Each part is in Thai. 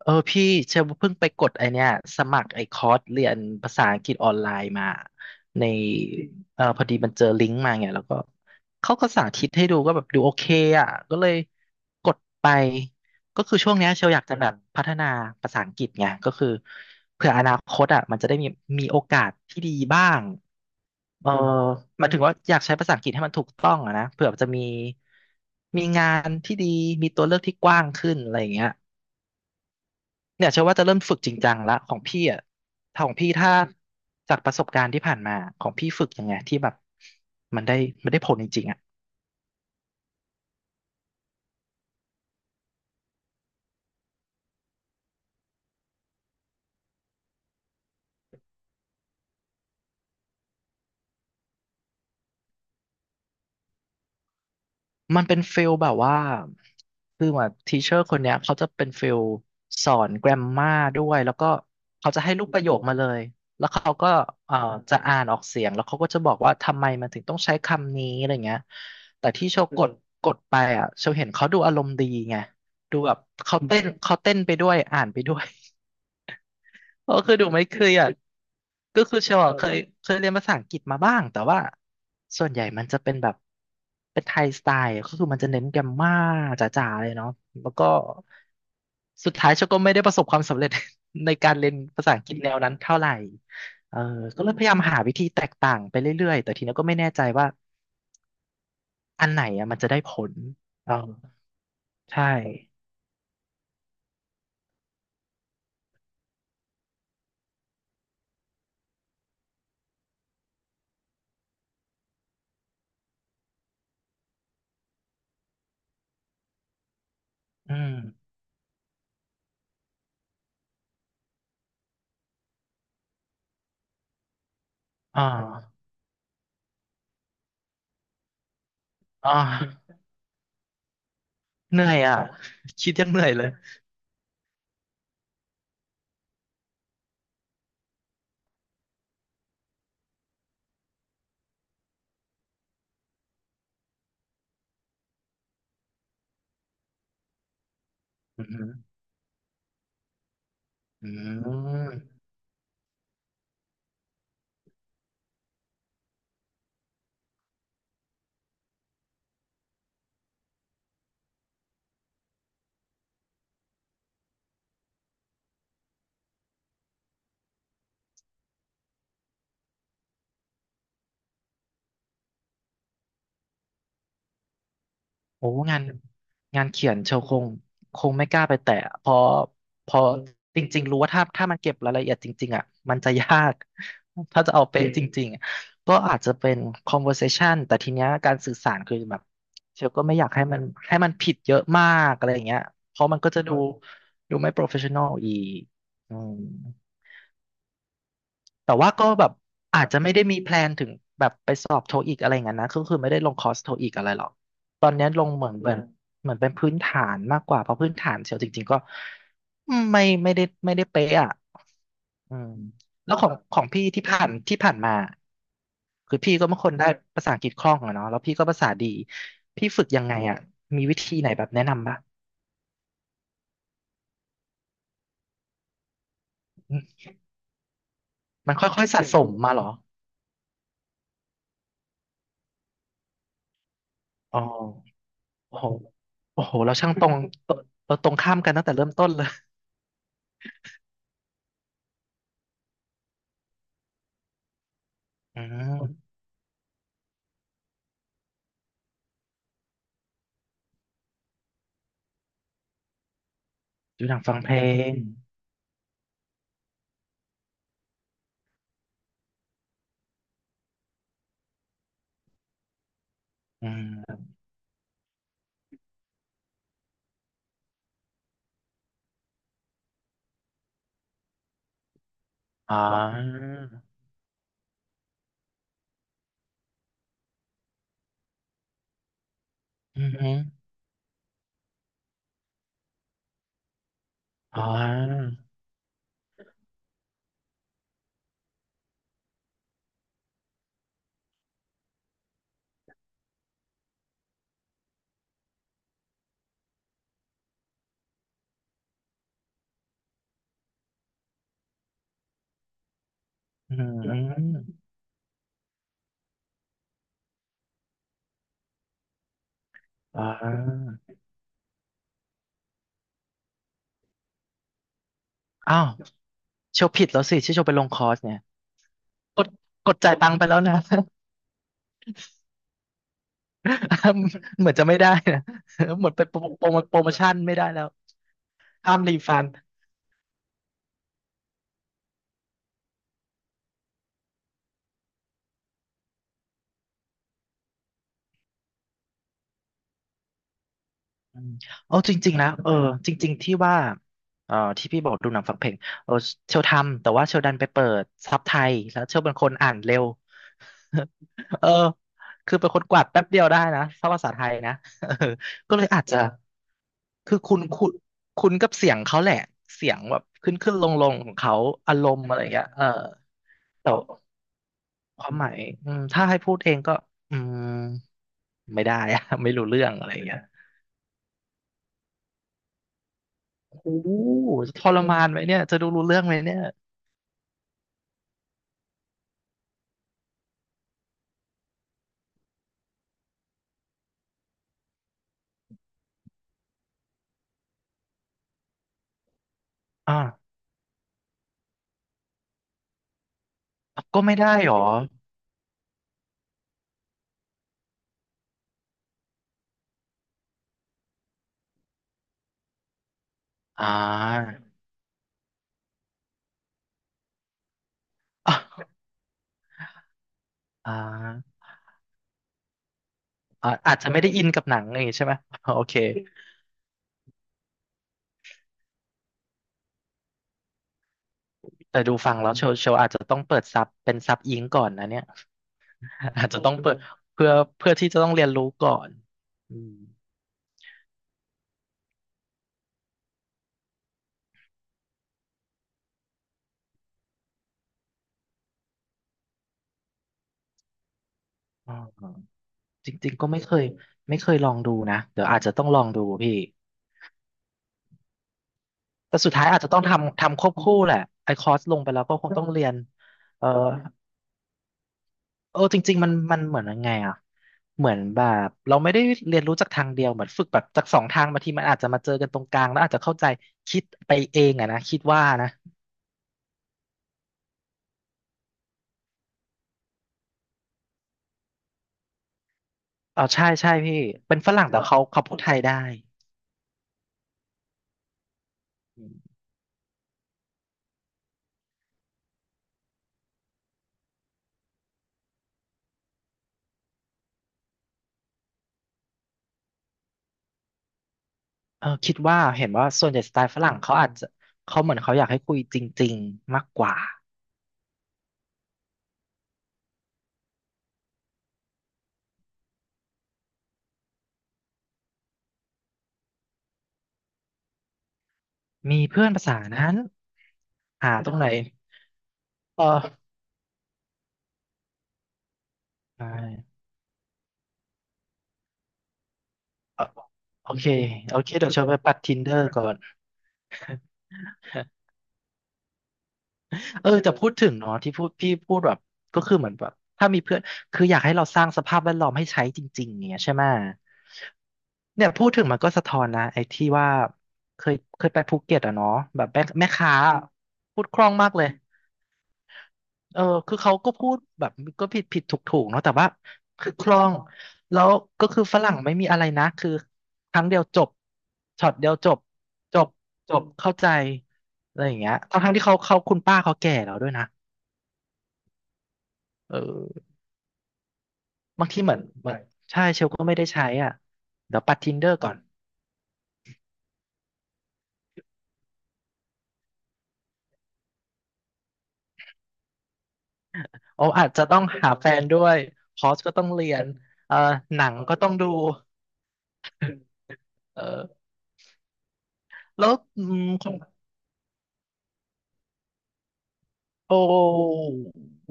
เออพี่เชลเพิ่งไปกดไอเนี้ยสมัครไอคอร์สเรียนภาษาอังกฤษออนไลน์มาในพอดีมันเจอลิงก์มาไงแล้วก็เขาก็สาธิตให้ดูก็แบบดูโอเคอ่ะก็เลยกดไปก็คือช่วงเนี้ยเชลอยากจะแบบพัฒนาภาษาอังกฤษไงก็คือเผื่ออนาคตอ่ะมันจะได้มีโอกาสที่ดีบ้างเออหมายถึงว่าอยากใช้ภาษาอังกฤษให้มันถูกต้องอะนะเผื่อจะมีงานที่ดีมีตัวเลือกที่กว้างขึ้นอะไรอย่างเงี้ย เนี่ยเชื่อว่าจะเริ่มฝึกจริงจังละของพี่อ่ะถ้าของพี่ถ้าจากประสบการณ์ที่ผ่านมาของพี่ฝึกยังไงที่แบบมันได้ได้ผลจริงๆอ่ะมันเป็นฟิลแบบว่าคือว่าทีเชอร์คนเนี้ยเขาจะเป็นฟิลสอนแกรมมาด้วยแล้วก็เขาจะให้รูปประโยคมาเลยแล้วเขาก็เอ่อจะอ่านออกเสียงแล้วเขาก็จะบอกว่าทำไมมันถึงต้องใช้คำนี้อะไรเงี้ยแต่ที่โชว์กดไปอ่ะโชว์เห็นเขาดูอารมณ์ดีไงดูแบบเขาเต้นไปด้วยอ่านไปด้วย เพราะคือดูไม่เครียดก็คือเชลเอะเคยเรียนภาษาอังกฤษมาบ้างแต่ว่าส่วนใหญ่มันจะเป็นแบบเป็นไทยสไตล์ก็คือมันจะเน้นแกรมม่าจ๋าๆเลยเนาะแล้วก็สุดท้ายเชลก็ไม่ได้ประสบความสำเร็จ ในการเรียนภาษาอังกฤษแนวนั้นเท่าไหร่เออก็เลยพยายามหาวิธีแตกต่างไปเรื่อยๆแต่ทีนี้ก็ไม่แน่ใจว่าอันไหนอะมันจะได้ผลเออใช่อืมอ่าอ่าเหนื่อยอ่ะคิดยังเหนื่อยเลยอืม อืมโอ้งานเขียนเชลคงไม่กล้าไปแตะเพอเพอจริงๆรู้ว่าถ้ามันเก็บรายละเอียดจริงๆอ่ะมันจะยาก ถ้าจะเอาเป๊ะจริงๆอะก็อาจจะเป็น conversation แต่ทีเนี้ยการสื่อสารคือแบบเชลก็ไม่อยากให้มันผิดเยอะมากอะไรอย่างเงี้ยเพราะมันก็จะดูไม่ professional อีกอืม แต่ว่าก็แบบอาจจะไม่ได้มีแพลนถึงแบบไปสอบโทอีกอะไรอย่างนั้นนะก็คือไม่ได้ลงคอร์สโทอีกอะไรหรอกตอนนี้ลงเหมือนเป็นพื้นฐานมากกว่าเพราะพื้นฐานเชียวจริงๆก็ไม่ได้เป๊ะอ่ะอืมแล้วของพี่ที่ผ่านมาคือพี่ก็เป็นคนได้ภาษาอังกฤษคล่องอะเนาะแล้วพี่ก็ภาษาดีพี่ฝึกยังไงอ่ะมีวิธีไหนแบบแนะนำป่ะอืมมันค่อยๆสะสมมาเหรออ๋อ โอ้โหโอ้โห เราช่างตรงตเราตรงข้ามกันตั้งแต่เริ่มต้นเลยอืมดูหนังฟังเพลงอืมอ๋ออืมฮึอ๋ออืมอ๋ออ้าวโชว์ผิดแล้วสิที่โชว์ไปลงคอร์สเนี่ยกดจ่ายตังค์ไปแล้วนะ เหมือนจะไม่ได้นะ หมดไปโปรโมชั่นไม่ได้แล้วห้ามรีฟัน อืมเอาจริงๆนะเออจริงๆที่ว่าเออที่พี่บอกดูหนังฟังเพลงเออเชลทำแต่ว่าเชลดันไปเปิดซับไทยแล้วเชลเป็นคนอ่านเร็ว เออคือเป็นคนกวาดแป๊บเดียวได้นะถ้าภาษาไทยนะ เออก็เลยอาจจะคือคุณกับเสียงเขาแหละเสียงแบบขึ้นขึ้นลงลงของเขาอารมณ์อะไรอย่างเงี้ยเออแต่ความหมายอืมถ้าให้พูดเองก็อืมไม่ได้อะ ไม่รู้เรื่องอะไรอย่างเงี้ย โอ้ทรมานไหมเนี่ยจะดูรู้เรื่องไหมเนี่ยอ่าก็ไม่ได้หรออ่าอ่าอ่าอ่าอาจจะไม่ได้อินกับหนังอย่างงี้ใช่ไหมโอเคแต่ดูฟังแล้วโชว์อาจจะต้องเปิดซับเป็นซับอิงก่อนนะเนี่ย อาจจะต้องเปิดเพื่อที่จะต้องเรียนรู้ก่อนอืมอ่าจริงๆก็ไม่เคยลองดูนะเดี๋ยวอาจจะต้องลองดูพี่แต่สุดท้ายอาจจะต้องทำควบคู่แหละไอคอร์สลงไปแล้วก็คงต้องเรียนเอ่อ จริงๆมันเหมือนยังไงอ่ะเหมือนแบบเราไม่ได้เรียนรู้จากทางเดียวเหมือนฝึกแบบจากสองทางบางทีมันอาจจะมาเจอกันตรงกลางแล้วอาจจะเข้าใจคิดไปเองอะนะคิดว่านะเอาใช่ใช่พี่เป็นฝรั่งแต่เขาพูดไทยได้อืมเออคิดว่าเห็นว่าส่วนใหญ่สไตล์ฝรั่งเขาอาจจะเขาเหมือนเขาอยากให้คุยจริงๆมากกว่ามีเพื่อนภาษานั้นหาตรงไหนเออใช่เออโอเคเดี๋ยวเชิญไปปัดทินเดอร์ก่อน เออแต่พูดถึงเนาะที่พูดพี่พูดแบบก็คือเหมือนแบบถ้ามีเพื่อนคืออยากให้เราสร้างสภาพแวดล้อมให้ใช้จริงๆเนี่ยใช่ไหมเนี่ยพูดถึงมันก็สะท้อนนะไอ้ที่ว่าเคยไปภูเก็ตอะเนาะแบบแม่ค้าพูดคล่องมากเลยเออคือเขาก็พูดแบบก็ผิดผิดถูกถูกเนาะแต่ว่าคือคล่องแล้วก็คือฝรั่งไม่มีอะไรนะคือครั้งเดียวจบช็อตเดียวจบจบจบเข้าใจอะไรอย่างเงี้ยทั้งที่เขาคุณป้าเขาแก่แล้วด้วยนะ เออบางทีเหมือนใช่เชลก็ไม่ได้ใช้อ่ะเดี๋ยวปัด Tinder ก่อนโอ้อาจจะต้องหาแฟนด้วยคอร์สก็ต้องเรียนเอ่อหนังก็ต้องดูเออแล้วอืมของโอ้โห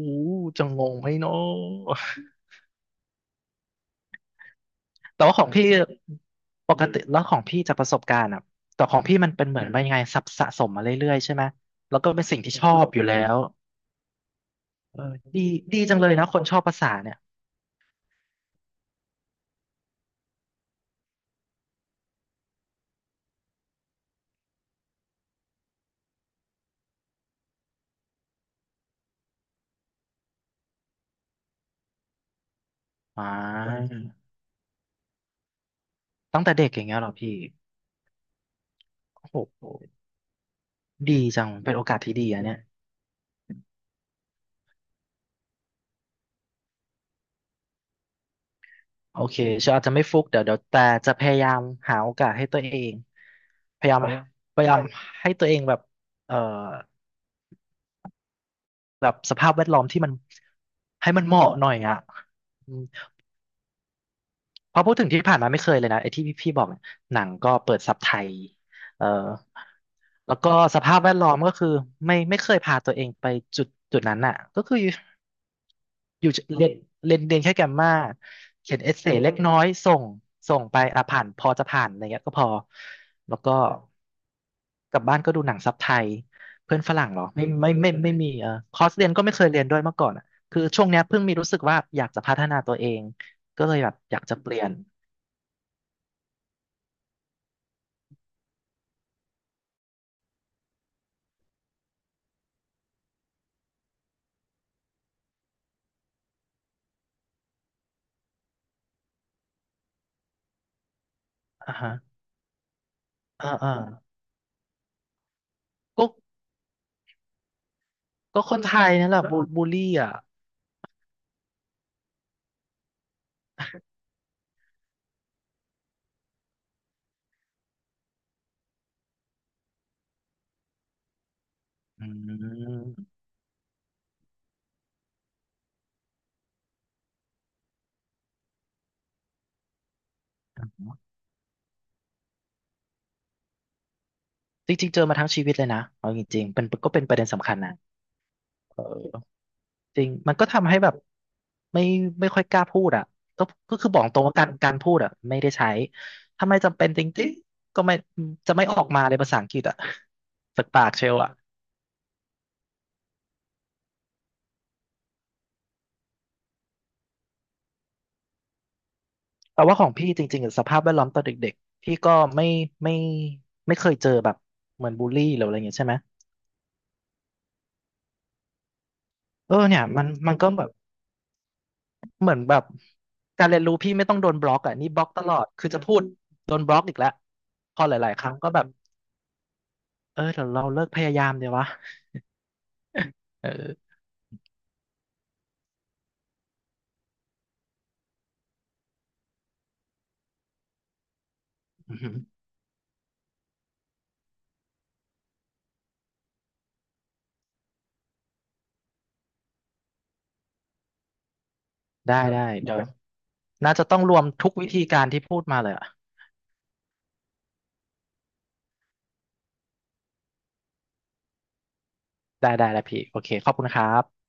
จะงงไหมเนาะ แต่ว่าของพี่ปกติแล้วของพี่จากประสบการณ์อ่ะแต่ของพี่มันเป็นเหมือนวปนยังไงสะสมมาเรื่อยๆใช่ไหมแล้วก็เป็นสิ่งที่ชอบอยู่แล้วเออดีดีจังเลยนะคนชอบภาษาเนี่ยอ่าตั้งแต่เด็กอย่างเงี้ยเหรอพี่ โอ้โหดีจังเป็นโอกาสที่ดีอะเนี่ย โอเคเชลอาจจะไม่ฟุกเดี๋ยวแต่จะพยายามหาโอกาสให้ตัวเอง พยายามครับพยายามให้ตัวเองแบบเอ่อแบบสภาพแวดล้อมที่มันให้มันเหมาะหน่อยอ่ะอืมเพราะพูดถึงที่ผ่านมาไม่เคยเลยนะไอ้ที่พี่บอกเนี่ยหนังก็เปิดซับไทยเอ่อแล้วก็สภาพแวดล้อมก็คือไม่เคยพาตัวเองไปจุดนั้นอ่ะก็คือ อยู่เรียนเรียนเรียนแค่แกมมาเขียนเอเซเล็กน้อยส่งส่งไปอ่ะผ่านพอจะผ่านอะไรเงี้ยก็พอแล้วก็กลับบ้านก็ดูหนังซับไทยเพื่อนฝรั่งเหรอไม่ไมมีเออคอร์สเรียนก็ไม่เคยเรียนด้วยเมื่อก่อนอ่ะคือช่วงเนี้ยเพิ่งมีรู้สึกว่าอยากจะพัฒนาตัวเองก็เลยแบบอยากจะเปลี่ยนอ่าฮะอ่าอ่าก็ก็คนไทยนั่นแหละบูลลี่อ่ะอืมจริงๆเจอมาทั้งชีวิตเลยนะเอาจริงๆเป็นก็เป็นประเด็นสำคัญนะ จริงมันก็ทำให้แบบไม่ไม่ค่อยกล้าพูดอ่ะก็ก็คือบอกตรงว่าการพูดอ่ะไม่ได้ใช้ถ้าไม่จำเป็นจริงๆก็ไม่จะไม่ออกมาเลยภาษาอังกฤษอ่ะ จากปากเชลอ่ะแต่ว่าของพี่จริงๆอะสภาพแวดล้อมตอนเด็กๆพี่ก็ไม่ไม่ไม่เคยเจอแบบเหมือนบูลลี่หรืออะไรเงี้ยใช่ไหมเออเนี่ยมันก็แบบเหมือนแบบการเรียนรู้พี่ไม่ต้องโดนบล็อกอ่ะนี่บล็อกตลอดคือจะพูดโดนบล็อกอีกแล้วพอหลายๆครั้งก็แบบเออเดี๋ยวเราเลิกพยายามเดี๋ยววะเออ ได้ได้เดี๋ยวน่าจะต้องรวมทุกวิธีการที่พูดมาเลยอ่ะได้ได้แล้วพี่โอเคขอบคุณครับ